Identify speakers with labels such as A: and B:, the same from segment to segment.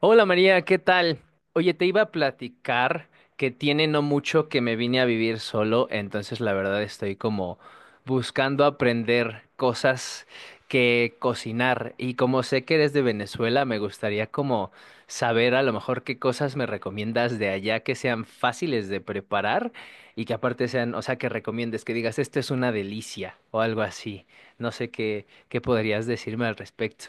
A: Hola María, ¿qué tal? Oye, te iba a platicar que tiene no mucho que me vine a vivir solo, entonces la verdad estoy como buscando aprender cosas que cocinar y como sé que eres de Venezuela, me gustaría como saber a lo mejor qué cosas me recomiendas de allá que sean fáciles de preparar y que aparte sean, o sea, que recomiendes, que digas, esto es una delicia o algo así. No sé qué podrías decirme al respecto.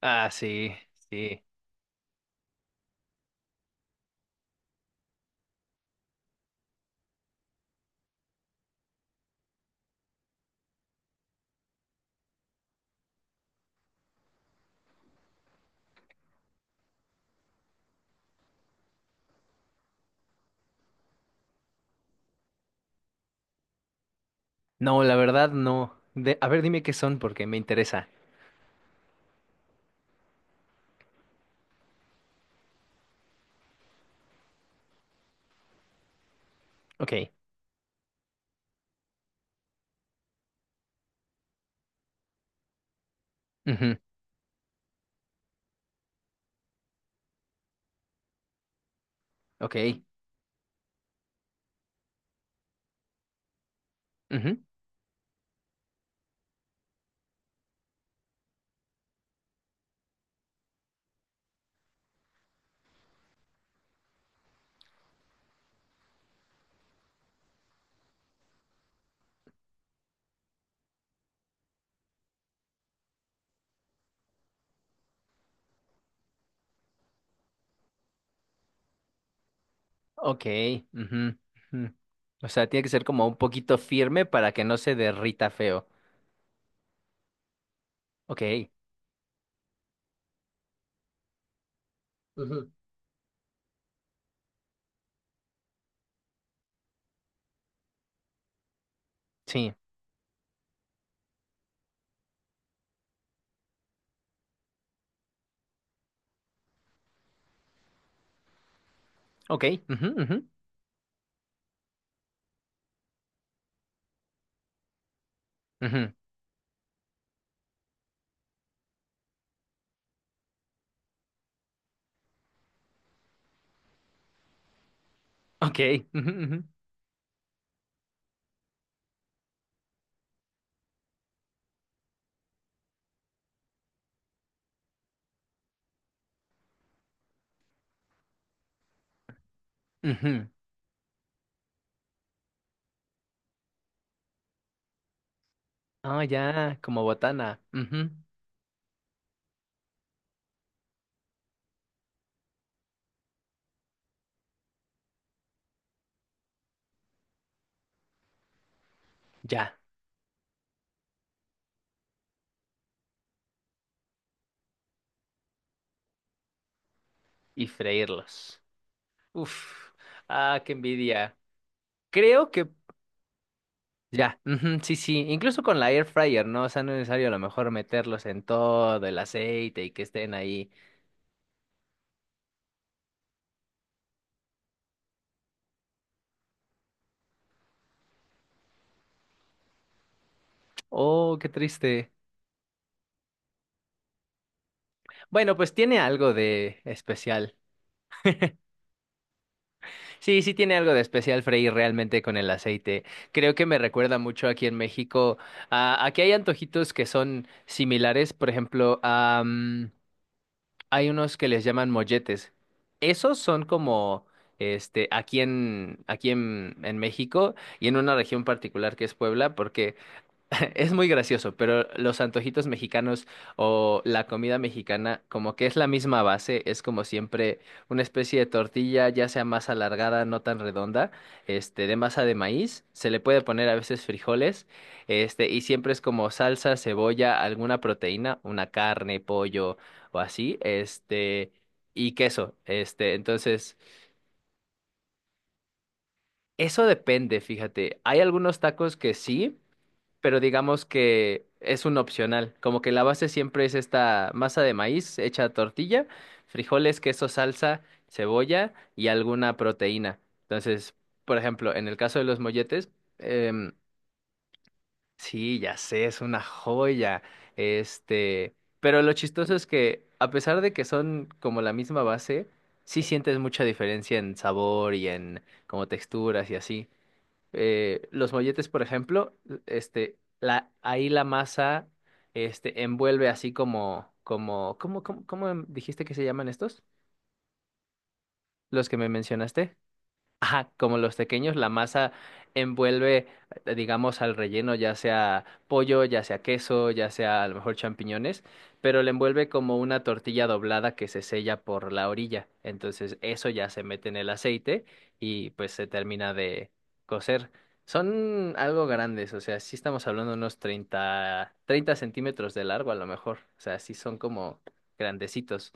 A: Ah, sí, sí. No, la verdad no. De, a ver, dime qué son porque me interesa. Ok. Ujú. Ok. Ujú. Ok. Ujú, ujú. O sea, tiene que ser como un poquito firme para que no se derrita feo. Ok. Ujú. Sí. Ok. Ujú, ujú, ujú. Ok. Ujú, ujú, ujú. Ah, ya, como botana. Ujú. Ya. Y freírlos. Uf. Ah, qué envidia. Creo que ya, ujú, sí, sí, incluso con la air fryer, ¿no? O sea, no es necesario a lo mejor meterlos en todo el aceite y que estén ahí. Oh, qué triste. Bueno, pues tiene algo de especial. Sí, sí tiene algo de especial freír realmente con el aceite. Creo que me recuerda mucho aquí en México a que hay antojitos que son similares, por ejemplo, a hay unos que les llaman molletes. Esos son como, este, en México y en una región particular que es Puebla, porque es muy gracioso, pero los antojitos mexicanos o la comida mexicana, como que es la misma base, es como siempre una especie de tortilla, ya sea más alargada, no tan redonda, este, de masa de maíz, se le puede poner a veces frijoles, este, y siempre es como salsa, cebolla, alguna proteína, una carne, pollo o así, este, y queso, este, entonces, eso depende, fíjate, hay algunos tacos que sí, pero digamos que es un opcional. Como que la base siempre es esta masa de maíz hecha tortilla, frijoles, queso, salsa, cebolla y alguna proteína. Entonces, por ejemplo, en el caso de los molletes, em, sí, ya sé, es una joya. Este, pero lo chistoso es que a pesar de que son como la misma base, sí sientes mucha diferencia en sabor y en como texturas y así los molletes, por ejemplo, este, la, ahí la masa, este, envuelve así como, como, ¿cómo dijiste que se llaman estos? Los que me mencionaste. Ajá, como los pequeños, la masa envuelve, digamos, al relleno, ya sea pollo, ya sea queso, ya sea a lo mejor champiñones, pero le envuelve como una tortilla doblada que se sella por la orilla. Entonces, eso ya se mete en el aceite y pues se termina de cocer. Son algo grandes, o sea, sí estamos hablando de unos 30 centímetros de largo a lo mejor. O sea, sí son como grandecitos.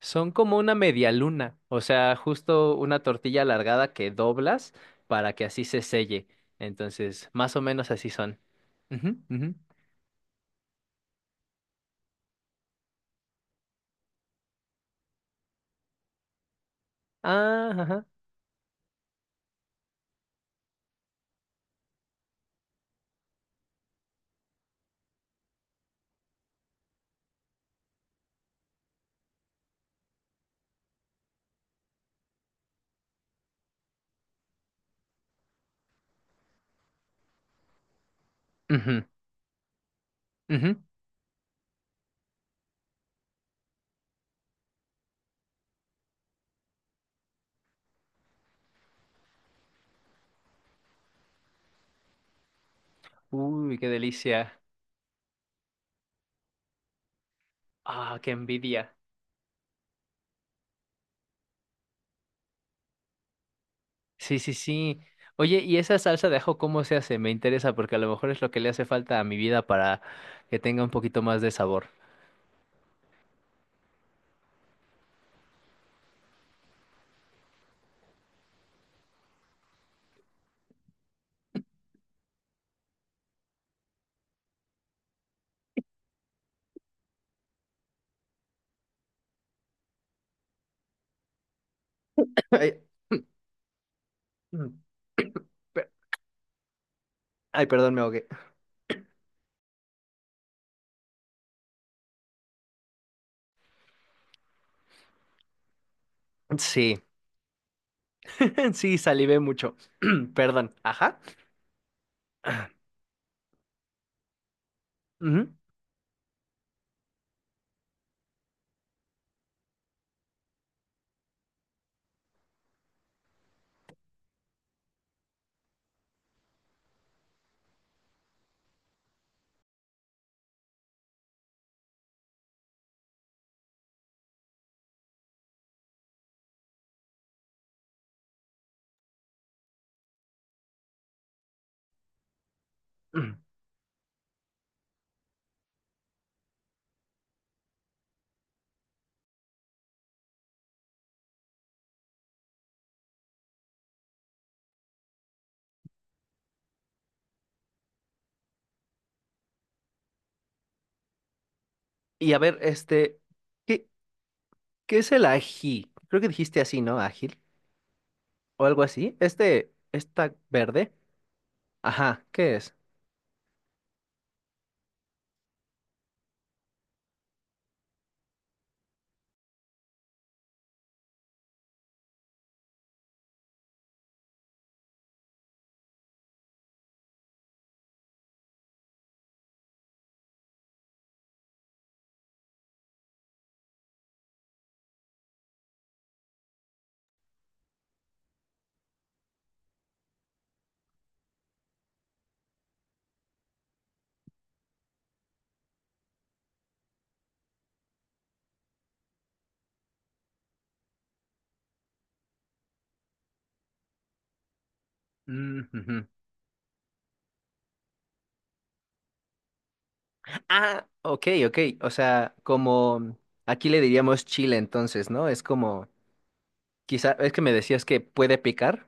A: Son como una media luna, o sea, justo una tortilla alargada que doblas para que así se selle. Entonces, más o menos así son. Ujú, ujú. Ah, ajá. Ujú, ujú. Uy, qué delicia. Ah, qué envidia. Sí, sí, sí. Oye, ¿y esa salsa de ajo cómo se hace? Me interesa porque a lo mejor es lo que le hace falta a mi vida para que tenga un poquito más de sabor. Ay, ay, perdón, me ahogué. Sí. Sí, salivé mucho. Perdón. Ajá. Ujú. Ujú. Y a ver, este, ¿qué, ¿qué es el ají? Creo que dijiste así, ¿no? Ágil o algo así. Este, esta verde. Ajá, ¿qué es? Mm, ujú. Ah, ok, ok. O sea, como aquí le diríamos chile, entonces, ¿no? Es como, quizá, es que me decías que puede picar,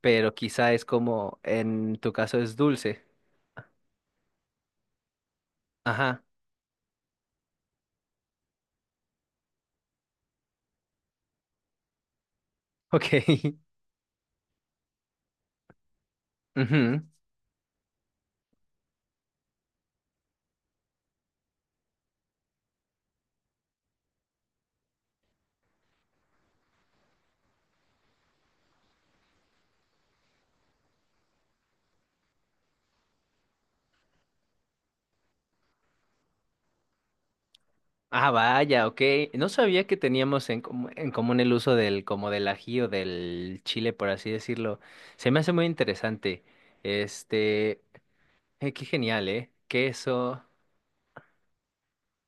A: pero quizá es como, en tu caso es dulce. Ajá, ok. Ujú. Ah, vaya, ok. No sabía que teníamos en, comu- en común el uso del, como del ají o del chile, por así decirlo. Se me hace muy interesante. Este, qué genial, ¿eh? Queso.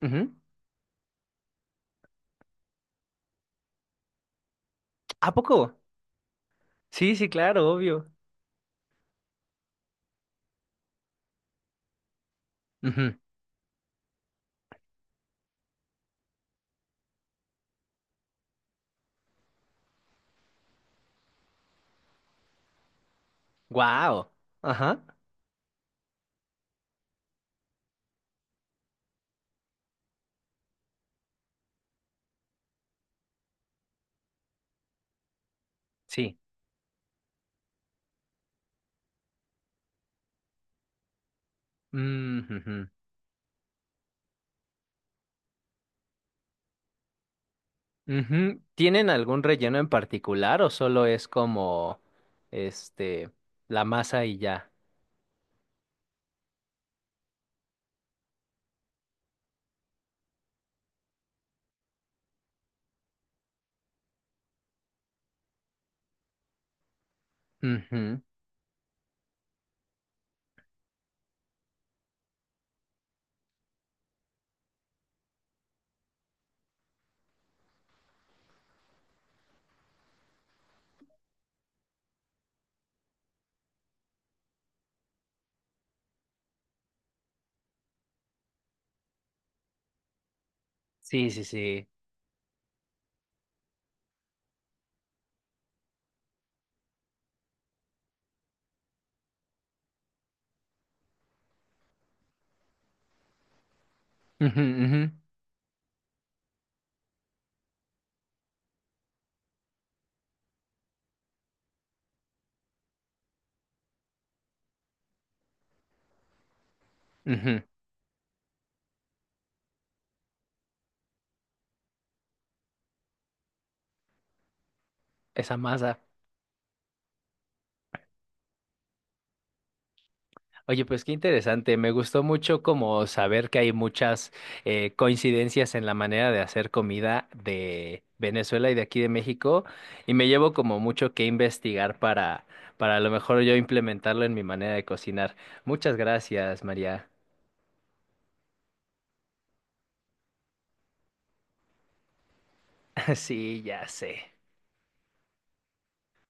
A: Ujú. ¿A poco? Sí, sí, claro, obvio. Wow. Ajá. Sí. Mm, ujú. Ujú. ¿Tienen algún relleno en particular o solo es como, este, la masa y ya? Ujú. Sí, sí, sí. Ujú, ujú, ujú. Esa masa. Oye, pues qué interesante. Me gustó mucho como saber que hay muchas coincidencias en la manera de hacer comida de Venezuela y de aquí de México. Y me llevo como mucho que investigar para a lo mejor yo implementarlo en mi manera de cocinar. Muchas gracias, María. Sí, ya sé.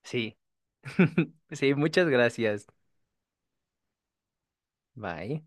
A: Sí, sí, muchas gracias. Bye.